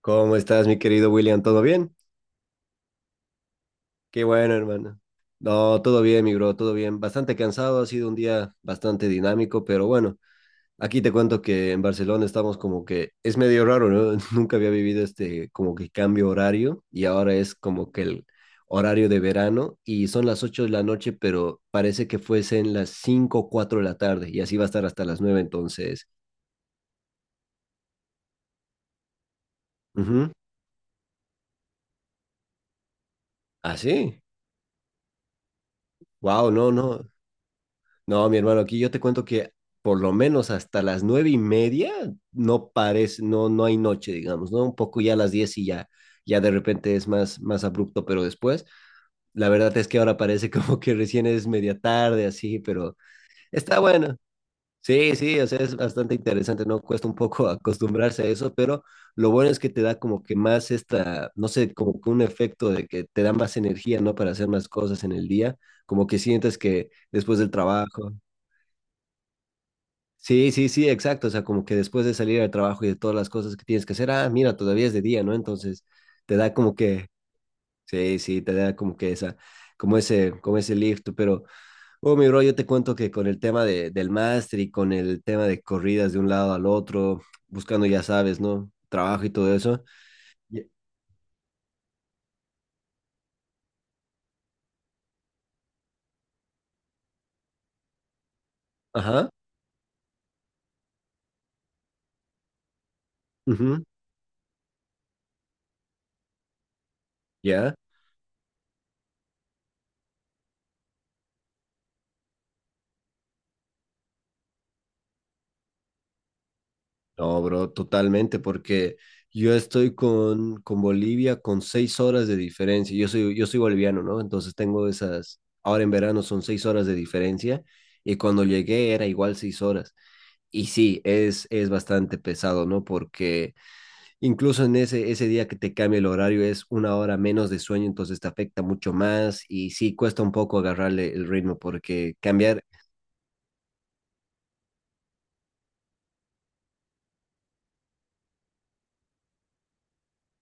¿Cómo estás, mi querido William? ¿Todo bien? Qué bueno, hermano. No, todo bien, mi bro, todo bien. Bastante cansado, ha sido un día bastante dinámico, pero bueno, aquí te cuento que en Barcelona estamos como que es medio raro, ¿no? Nunca había vivido este como que cambio horario y ahora es como que el horario de verano y son las 8 de la noche, pero parece que fuesen las 5 o 4 de la tarde y así va a estar hasta las 9 entonces. Ujú. ¿Ah, sí? Wow, no, no. No, mi hermano, aquí yo te cuento que por lo menos hasta las 9 y media no parece, no, no hay noche, digamos, ¿no? Un poco ya a las 10 y ya de repente es más abrupto, pero después, la verdad es que ahora parece como que recién es media tarde, así, pero está bueno. Sí, sí, o sea, es bastante interesante, ¿no? Cuesta un poco acostumbrarse a eso, pero lo bueno es que te da como que más esta, no sé, como que un efecto de que te da más energía, ¿no? Para hacer más cosas en el día, como que sientes que después del trabajo. Sí, sí, sí, exacto. O sea, como que después de salir al trabajo y de todas las cosas que tienes que hacer, ah, mira, todavía es de día, ¿no? Entonces, te da como que, sí, sí, te da como que esa, como ese lift. Pero, oh, mi bro, yo te cuento que con el tema del máster y con el tema de corridas de un lado al otro, buscando, ya sabes, ¿no? Trabajo y todo eso. Ye- Ajá. Ujú. Ya. No, bro, totalmente, porque yo estoy con Bolivia con 6 horas de diferencia. Yo soy boliviano, ¿no? Entonces tengo esas, ahora en verano son 6 horas de diferencia y cuando llegué era igual 6 horas. Y sí, es bastante pesado, ¿no? Porque incluso en ese día que te cambia el horario es una hora menos de sueño, entonces te afecta mucho más y sí, cuesta un poco agarrarle el ritmo porque cambiar,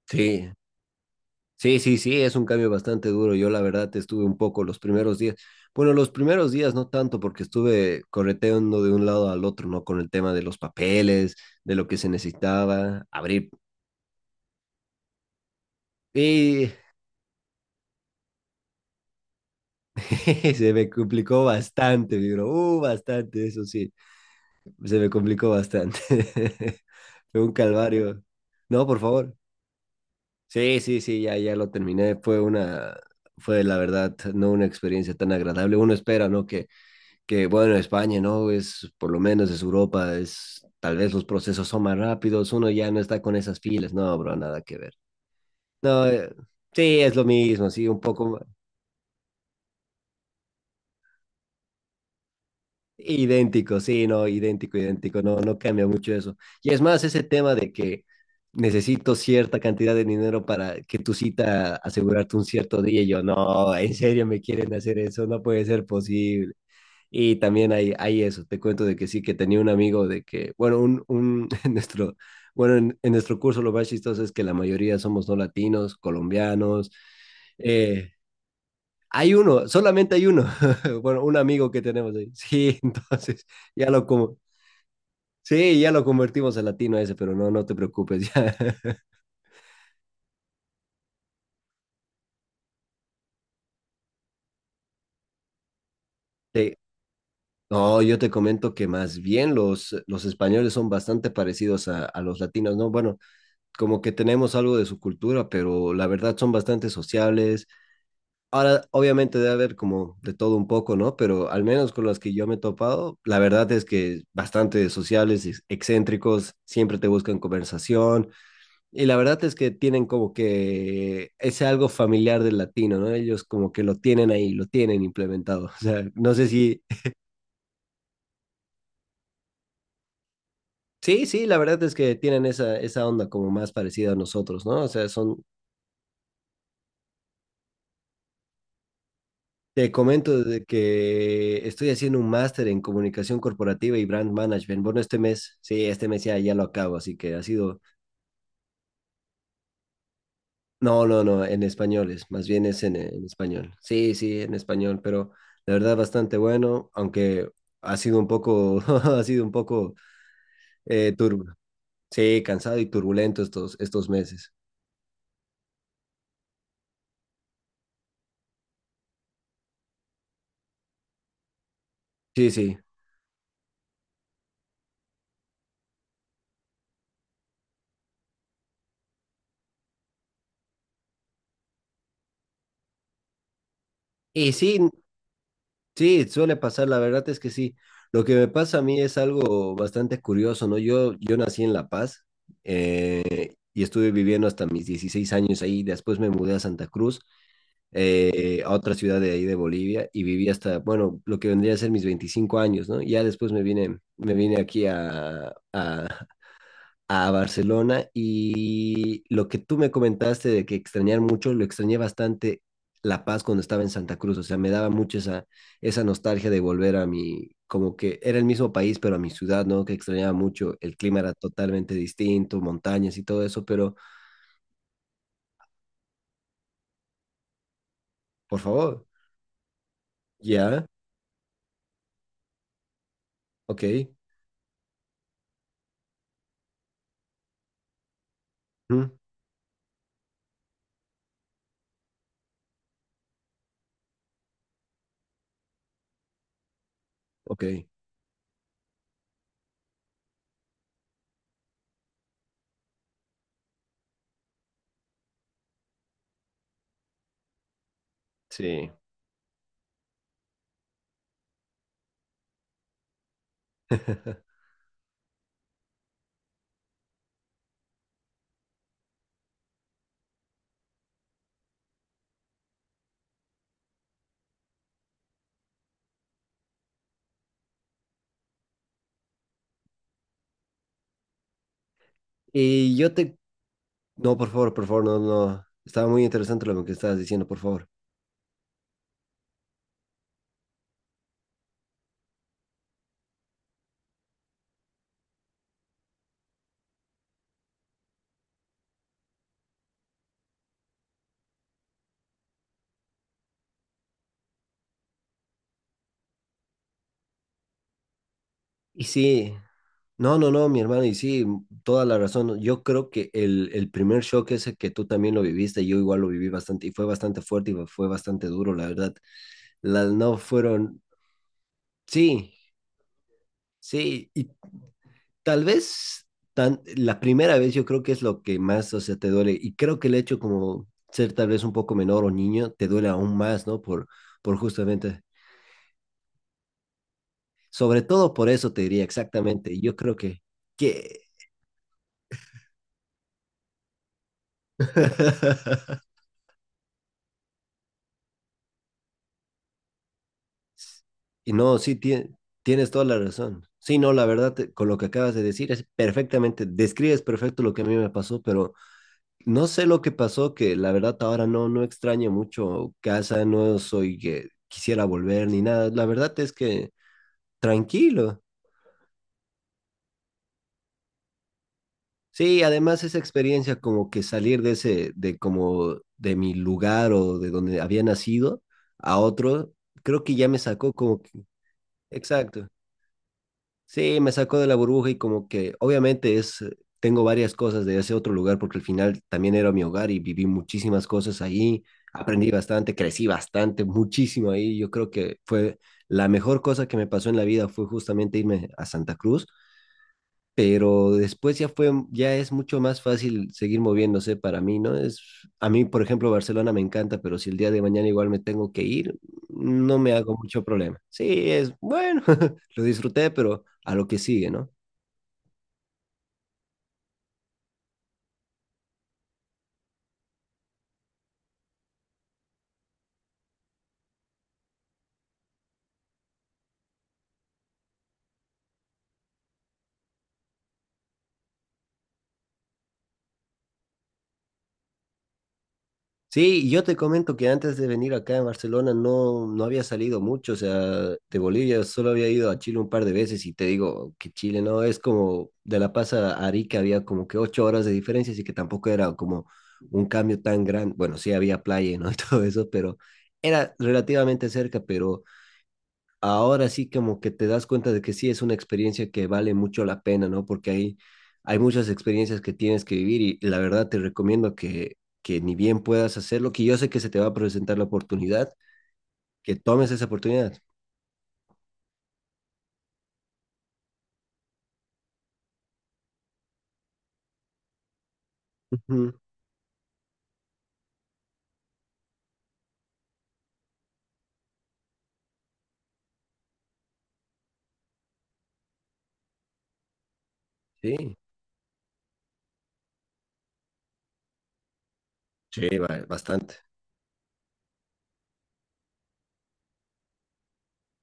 sí, sí, sí, sí, es un cambio bastante duro. Yo la verdad estuve un poco los primeros días. Bueno, los primeros días no tanto porque estuve correteando de un lado al otro, ¿no? Con el tema de los papeles, de lo que se necesitaba, abrir. Y se me complicó bastante, digo, bastante, eso sí, se me complicó bastante. Fue un calvario. No, por favor. Sí, sí, sí, ya lo terminé. Fue la verdad, no una experiencia tan agradable. Uno espera, ¿no? Que bueno, España, ¿no? Es, por lo menos es Europa, es, tal vez los procesos son más rápidos, uno ya no está con esas filas, no, bro, nada que ver. No, sí, es lo mismo, sí, un poco idéntico, sí, no, idéntico, idéntico, no, no cambia mucho eso. Y es más, ese tema de que necesito cierta cantidad de dinero para que tu cita asegurarte un cierto día, y yo, no, en serio me quieren hacer eso, no puede ser posible. Y también hay eso, te cuento de que sí, que tenía un amigo de que, bueno, bueno, en nuestro curso lo más chistoso es que la mayoría somos no latinos, colombianos. eh, Hay uno, solamente hay uno, bueno, un amigo que tenemos ahí. Sí, entonces ya lo como, sí, ya lo convertimos a latino ese, pero no, no te preocupes, ya. Sí. No, yo te comento que más bien los españoles son bastante parecidos a los latinos, ¿no? Bueno, como que tenemos algo de su cultura, pero la verdad son bastante sociables. Ahora, obviamente debe haber como de todo un poco, ¿no? Pero al menos con las que yo me he topado, la verdad es que bastante sociables excéntricos, siempre te buscan conversación. Y la verdad es que tienen como que ese algo familiar del latino, ¿no? Ellos como que lo tienen ahí, lo tienen implementado. O sea, no sé si... Sí, sí, la verdad es que tienen esa onda como más parecida a nosotros, ¿no? O sea, son. Te comento de que estoy haciendo un máster en comunicación corporativa y brand management. Bueno, este mes, sí, este mes ya lo acabo, así que ha sido... No, no, no, en español es, más bien es en español. Sí, sí, en español, pero la verdad bastante bueno, aunque ha sido un poco, ha sido un poco turbo. Sí, cansado y turbulento estos meses. Sí, sí. Y sí, sí, suele pasar, la verdad es que sí. Lo que me pasa a mí es algo bastante curioso, ¿no? Yo nací en La Paz, y estuve viviendo hasta mis 16 años ahí, después me mudé a Santa Cruz, a otra ciudad de ahí de Bolivia, y viví hasta, bueno, lo que vendría a ser mis 25 años, ¿no? Ya después me vine aquí a Barcelona, y lo que tú me comentaste de que extrañar mucho, lo extrañé bastante La Paz cuando estaba en Santa Cruz, o sea, me daba mucho esa nostalgia de volver a mi, como que era el mismo país, pero a mi ciudad, ¿no? Que extrañaba mucho, el clima era totalmente distinto, montañas y todo eso, pero por favor, ya, ok, mm, ok, sí. Y yo te, no, por favor, no, no, estaba muy interesante lo que estabas diciendo, por favor. Y sí, no, no, no, mi hermano, y sí, toda la razón. Yo creo que el primer shock ese que tú también lo viviste, yo igual lo viví bastante, y fue bastante fuerte y fue bastante duro, la verdad. Las no fueron, sí, sí, tal vez la primera vez yo creo que es lo que más, o sea, te duele. Y creo que el hecho como ser tal vez un poco menor o niño, te duele aún más, ¿no? Por justamente, sobre todo por eso te diría exactamente. Yo creo que... Y no, sí, tienes toda la razón. Sí, no, la verdad, con lo que acabas de decir es perfectamente, describes perfecto lo que a mí me pasó, pero no sé lo que pasó, que la verdad ahora no, no extraño mucho casa, no soy que quisiera volver ni nada. La verdad es que tranquilo. Sí, además esa experiencia como que salir de ese, de como de mi lugar o de donde había nacido a otro, creo que ya me sacó como que, exacto. Sí, me sacó de la burbuja y como que obviamente es, tengo varias cosas de ese otro lugar porque al final también era mi hogar y viví muchísimas cosas ahí, aprendí bastante, crecí bastante, muchísimo ahí. Yo creo que fue la mejor cosa que me pasó en la vida fue justamente irme a Santa Cruz, pero después ya fue, ya es mucho más fácil seguir moviéndose para mí, ¿no? Es, a mí, por ejemplo, Barcelona me encanta, pero si el día de mañana igual me tengo que ir, no me hago mucho problema. Sí, es bueno, lo disfruté, pero a lo que sigue, ¿no? Sí, yo te comento que antes de venir acá en Barcelona no, no había salido mucho, o sea, de Bolivia solo había ido a Chile un par de veces y te digo que Chile no es como de La Paz a Arica había como que 8 horas de diferencia, así que tampoco era como un cambio tan grande, bueno, sí había playa, ¿no? y todo eso, pero era relativamente cerca, pero ahora sí como que te das cuenta de que sí es una experiencia que vale mucho la pena, ¿no? Porque hay muchas experiencias que tienes que vivir y la verdad te recomiendo que ni bien puedas hacerlo, que yo sé que se te va a presentar la oportunidad, que tomes esa oportunidad. Ujú. Sí, sí, sí, bastante.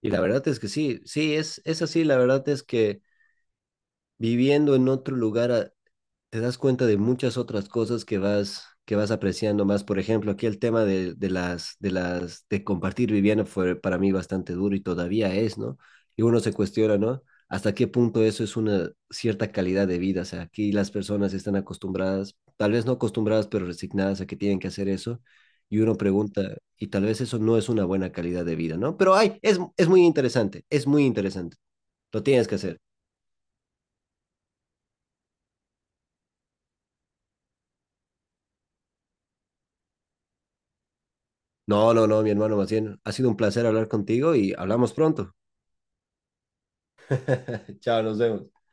Y la verdad es que sí, sí, es así, la verdad es que viviendo en otro lugar te das cuenta de muchas otras cosas que vas apreciando más. Por ejemplo, aquí el tema de compartir vivienda fue para mí bastante duro y todavía es, ¿no? Y uno se cuestiona, ¿no? ¿Hasta qué punto eso es una cierta calidad de vida? O sea, aquí las personas están acostumbradas, tal vez no acostumbradas, pero resignadas a que tienen que hacer eso. Y uno pregunta, y tal vez eso no es una buena calidad de vida, ¿no? Pero ay es muy interesante, es muy interesante. Lo tienes que hacer. No, no, no, mi hermano, más bien, ha sido un placer hablar contigo y hablamos pronto. Chao, nos vemos.